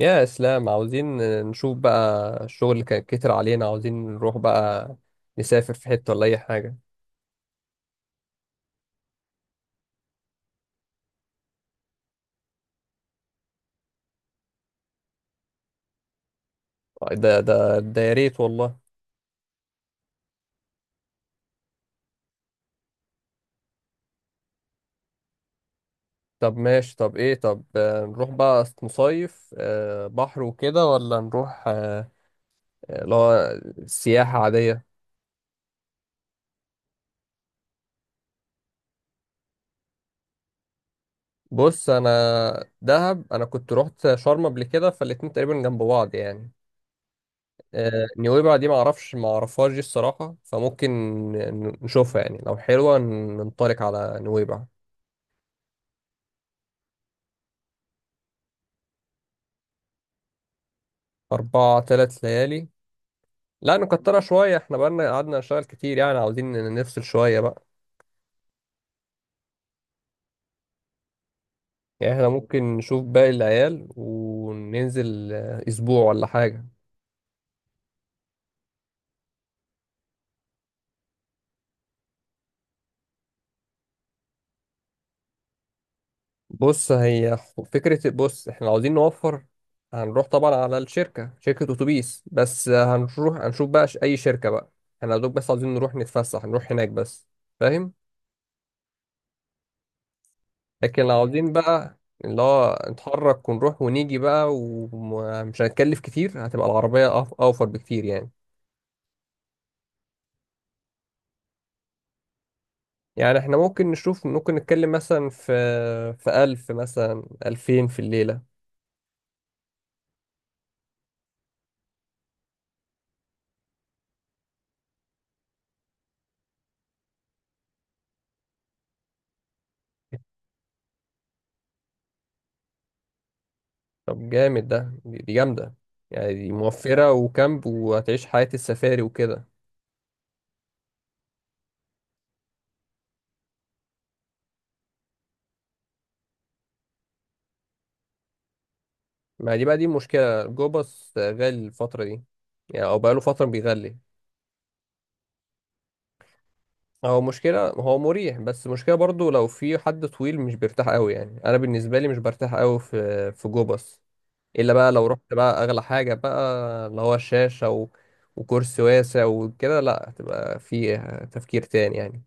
يا اسلام عاوزين نشوف بقى الشغل اللي كان كتر علينا عاوزين نروح بقى نسافر في حتة ولا اي حاجة. ده يا ريت والله. طب ماشي طب ايه طب نروح بقى نصيف بحر وكده ولا نروح اللي هو سياحة عادية. بص انا دهب انا كنت رحت شرم قبل كده فالاتنين تقريبا جنب بعض يعني. نويبع دي معرفش معرفهاش دي الصراحة فممكن نشوفها يعني لو حلوة ننطلق على نويبع. أربع تلات ليالي لا نكترها شوية، احنا بقالنا قعدنا نشتغل كتير يعني عاوزين نفصل شوية بقى. يعني احنا ممكن نشوف باقي العيال وننزل أسبوع ولا حاجة. بص هي فكرة، بص احنا عاوزين نوفر. هنروح طبعا على الشركة شركة أتوبيس بس هنروح هنشوف بقى أي شركة بقى. احنا يا دوب بس عاوزين نروح نتفسح نروح هناك بس، فاهم. لكن لو عاوزين بقى اللي هو نتحرك ونروح ونيجي بقى ومش هنتكلف كتير هتبقى العربية أوفر بكتير يعني. يعني احنا ممكن نشوف ممكن نتكلم مثلا في ألف مثلا ألفين في الليلة. طب جامد ده دي جامدة. يعني دي موفرة وكامب وهتعيش حياة السفاري وكده. ما دي بقى دي مشكلة، جو باص غالي الفترة دي، يعني أو بقاله فترة بيغلي. هو مشكلة، هو مريح بس مشكلة برضو لو في حد طويل مش بيرتاح قوي يعني، أنا بالنسبة لي مش برتاح قوي في جو باص. الا بقى لو رحت بقى اغلى حاجه بقى اللي هو الشاشه و... وكرسي واسع وكده، لا هتبقى في تفكير تاني يعني.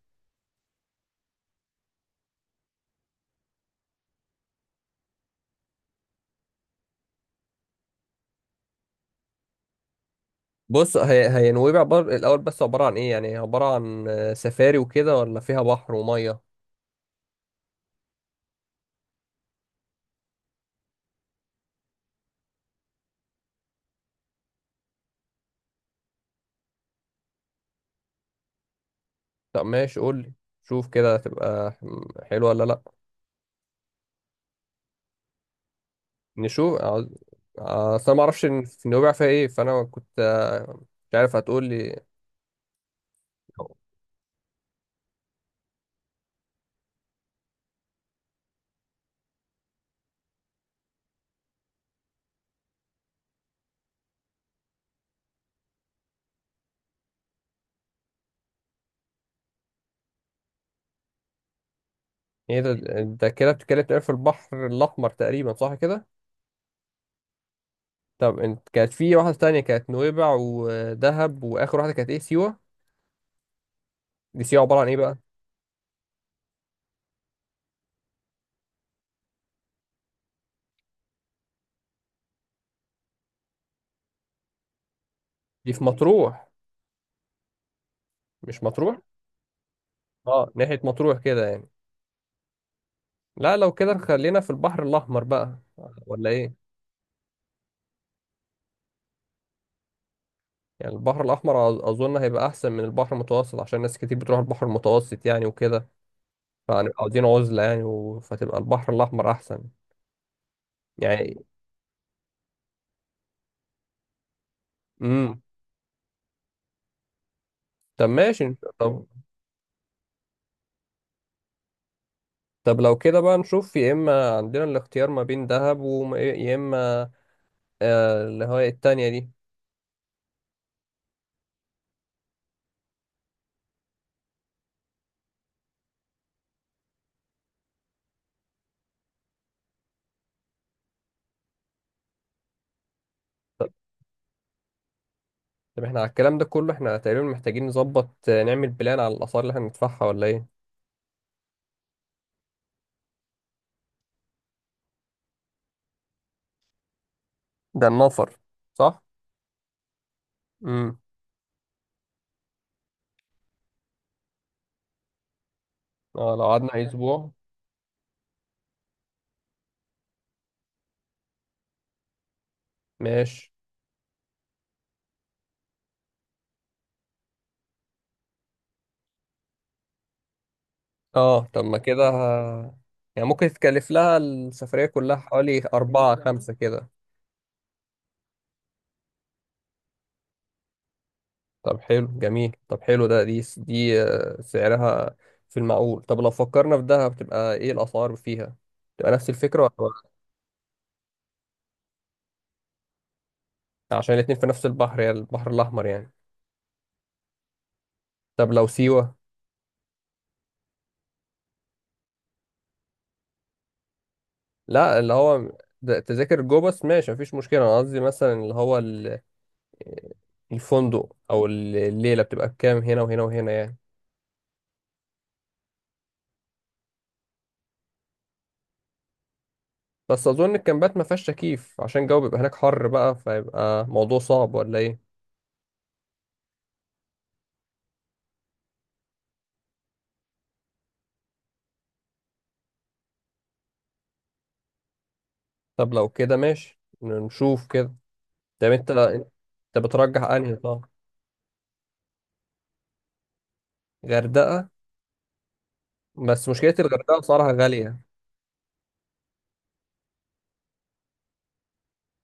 بص هي نويبع الاول بس عباره عن ايه، يعني عباره عن سفاري وكده ولا فيها بحر وميه؟ طب ماشي قول لي. شوف كده هتبقى حلوه ولا لا. نشوف عاوز- اصل انا ما اعرفش إن في نويبع فيها ايه، فانا كنت مش عارف، هتقول لي. ايه ده؟ ده كده بتتكلم تقريباً في البحر الاحمر تقريبا صح كده؟ طب انت كانت في واحدة تانية كانت نويبع ودهب واخر واحدة كانت ايه، سيوة. دي سيوة عبارة عن ايه بقى؟ دي في مطروح؟ مش مطروح، اه ناحية مطروح كده يعني. لا لو كده خلينا في البحر الاحمر بقى ولا ايه؟ يعني البحر الاحمر اظن هيبقى احسن من البحر المتوسط عشان ناس كتير بتروح البحر المتوسط يعني وكده، فهنبقى عاوزين عزلة يعني و... فتبقى البحر الاحمر احسن يعني. امم. طب ماشي طب طب لو كده بقى نشوف، يا اما عندنا الاختيار ما بين دهب ويا اما اللي هو إيه التانية دي. طب طب احنا على الكلام ده كله احنا تقريبا محتاجين نظبط نعمل بلان على الآثار اللي احنا هندفعها ولا ايه؟ ده النفر، صح. امم. اه لو قعدنا أسبوع. ماشي. اه طب ما كده يعني ممكن تكلف لها السفرية كلها حوالي أربعة خمسة كده. طب حلو جميل، طب حلو ده دي سعرها في المعقول. طب لو فكرنا في دهب تبقى ايه الأسعار فيها؟ تبقى نفس الفكرة ولا؟ عشان الاتنين في نفس البحر يعني البحر الأحمر يعني. طب لو سيوة؟ لا اللي هو تذاكر جوه بس ماشي مفيش مشكلة، أنا قصدي مثلا اللي هو الفندق أو الليلة بتبقى بكام هنا وهنا وهنا يعني. بس أظن الكامبات مفيهاش تكييف عشان الجو بيبقى هناك حر بقى، فيبقى موضوع صعب ولا إيه؟ طب لو كده ماشي نشوف كده. طب أنت بترجح أنهي؟ طب غردقة؟ بس مشكلة الغردقة أسعارها غالية.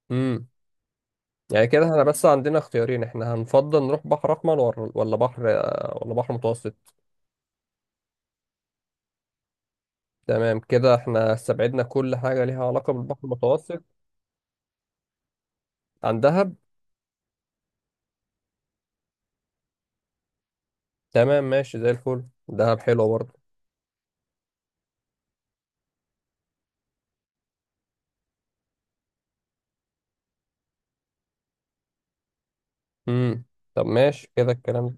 امم. يعني كده احنا بس عندنا اختيارين، احنا هنفضل نروح بحر أحمر ولا بحر، ولا بحر متوسط. تمام، كده احنا استبعدنا كل حاجة ليها علاقة بالبحر المتوسط. عن دهب. تمام ماشي زي الفل، دهب حلوة برضه. امم. طب ماشي كده الكلام ده.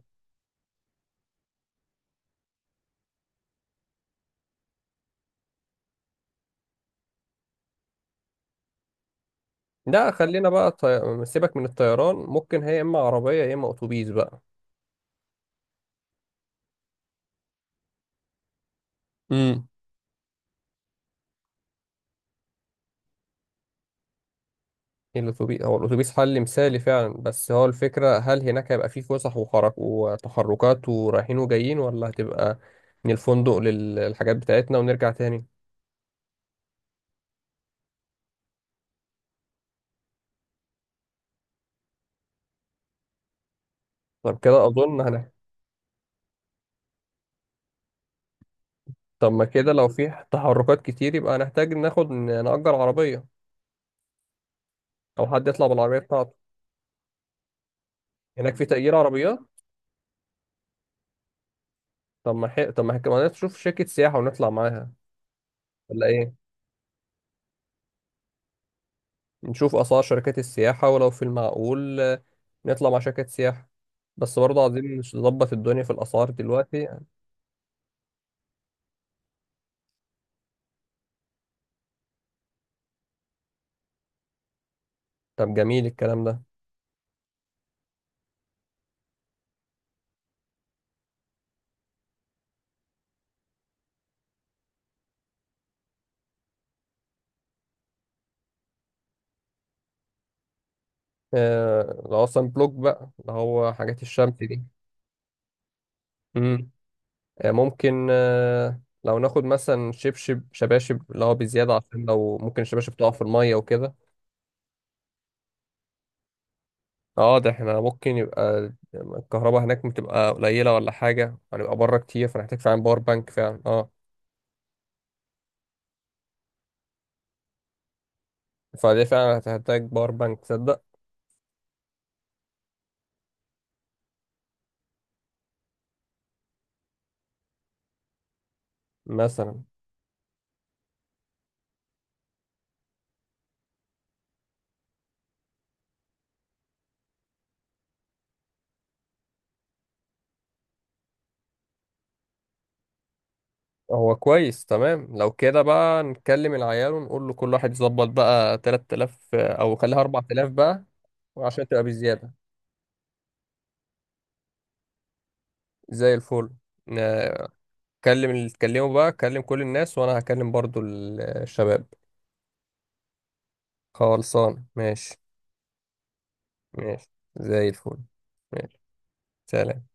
لا خلينا بقى سيبك من الطيران، ممكن هي اما عربية يا اما اتوبيس بقى. امم. الاتوبيس، الاتوبيس حل مثالي فعلا، بس هو الفكرة هل هناك هيبقى فيه فسح وخرج وتحركات ورايحين وجايين ولا هتبقى من الفندق للحاجات بتاعتنا ونرجع تاني؟ طب كده اظن. طب ما كده لو في تحركات كتير يبقى هنحتاج ناخد نأجر عربية، أو حد يطلع بالعربية بتاعته. هناك في تأجير عربيات. طب ما كمان نشوف شركة سياحة ونطلع معاها، ولا إيه؟ نشوف أسعار شركات السياحة ولو في المعقول نطلع مع شركة سياحة، بس برضه عايزين نظبط الدنيا في الأسعار دلوقتي يعني. طب جميل الكلام ده. آه... لو أصلا بلوك بقى اللي هو حاجات الشمس دي. مم. ممكن لو ناخد مثلا شباشب اللي هو بزيادة عشان لو ممكن الشباشب تقع في المية وكده. اه ده احنا ممكن يبقى الكهرباء هناك بتبقى قليلة ولا حاجة، هنبقى بره كتير فنحتاج فعلا باور بانك فعلا اه. فدي فعلا هتحتاج باور بانك تصدق. مثلا. هو كويس تمام، لو كده بقى نكلم العيال ونقول له كل واحد يظبط بقى 3000 او خليها 4000 بقى عشان تبقى بزيادة. زي الفل. آه، كلم اللي تكلمه بقى، كلم كل الناس وانا هكلم برضو الشباب. خلصان ماشي. ماشي زي الفل. ماشي. سلام.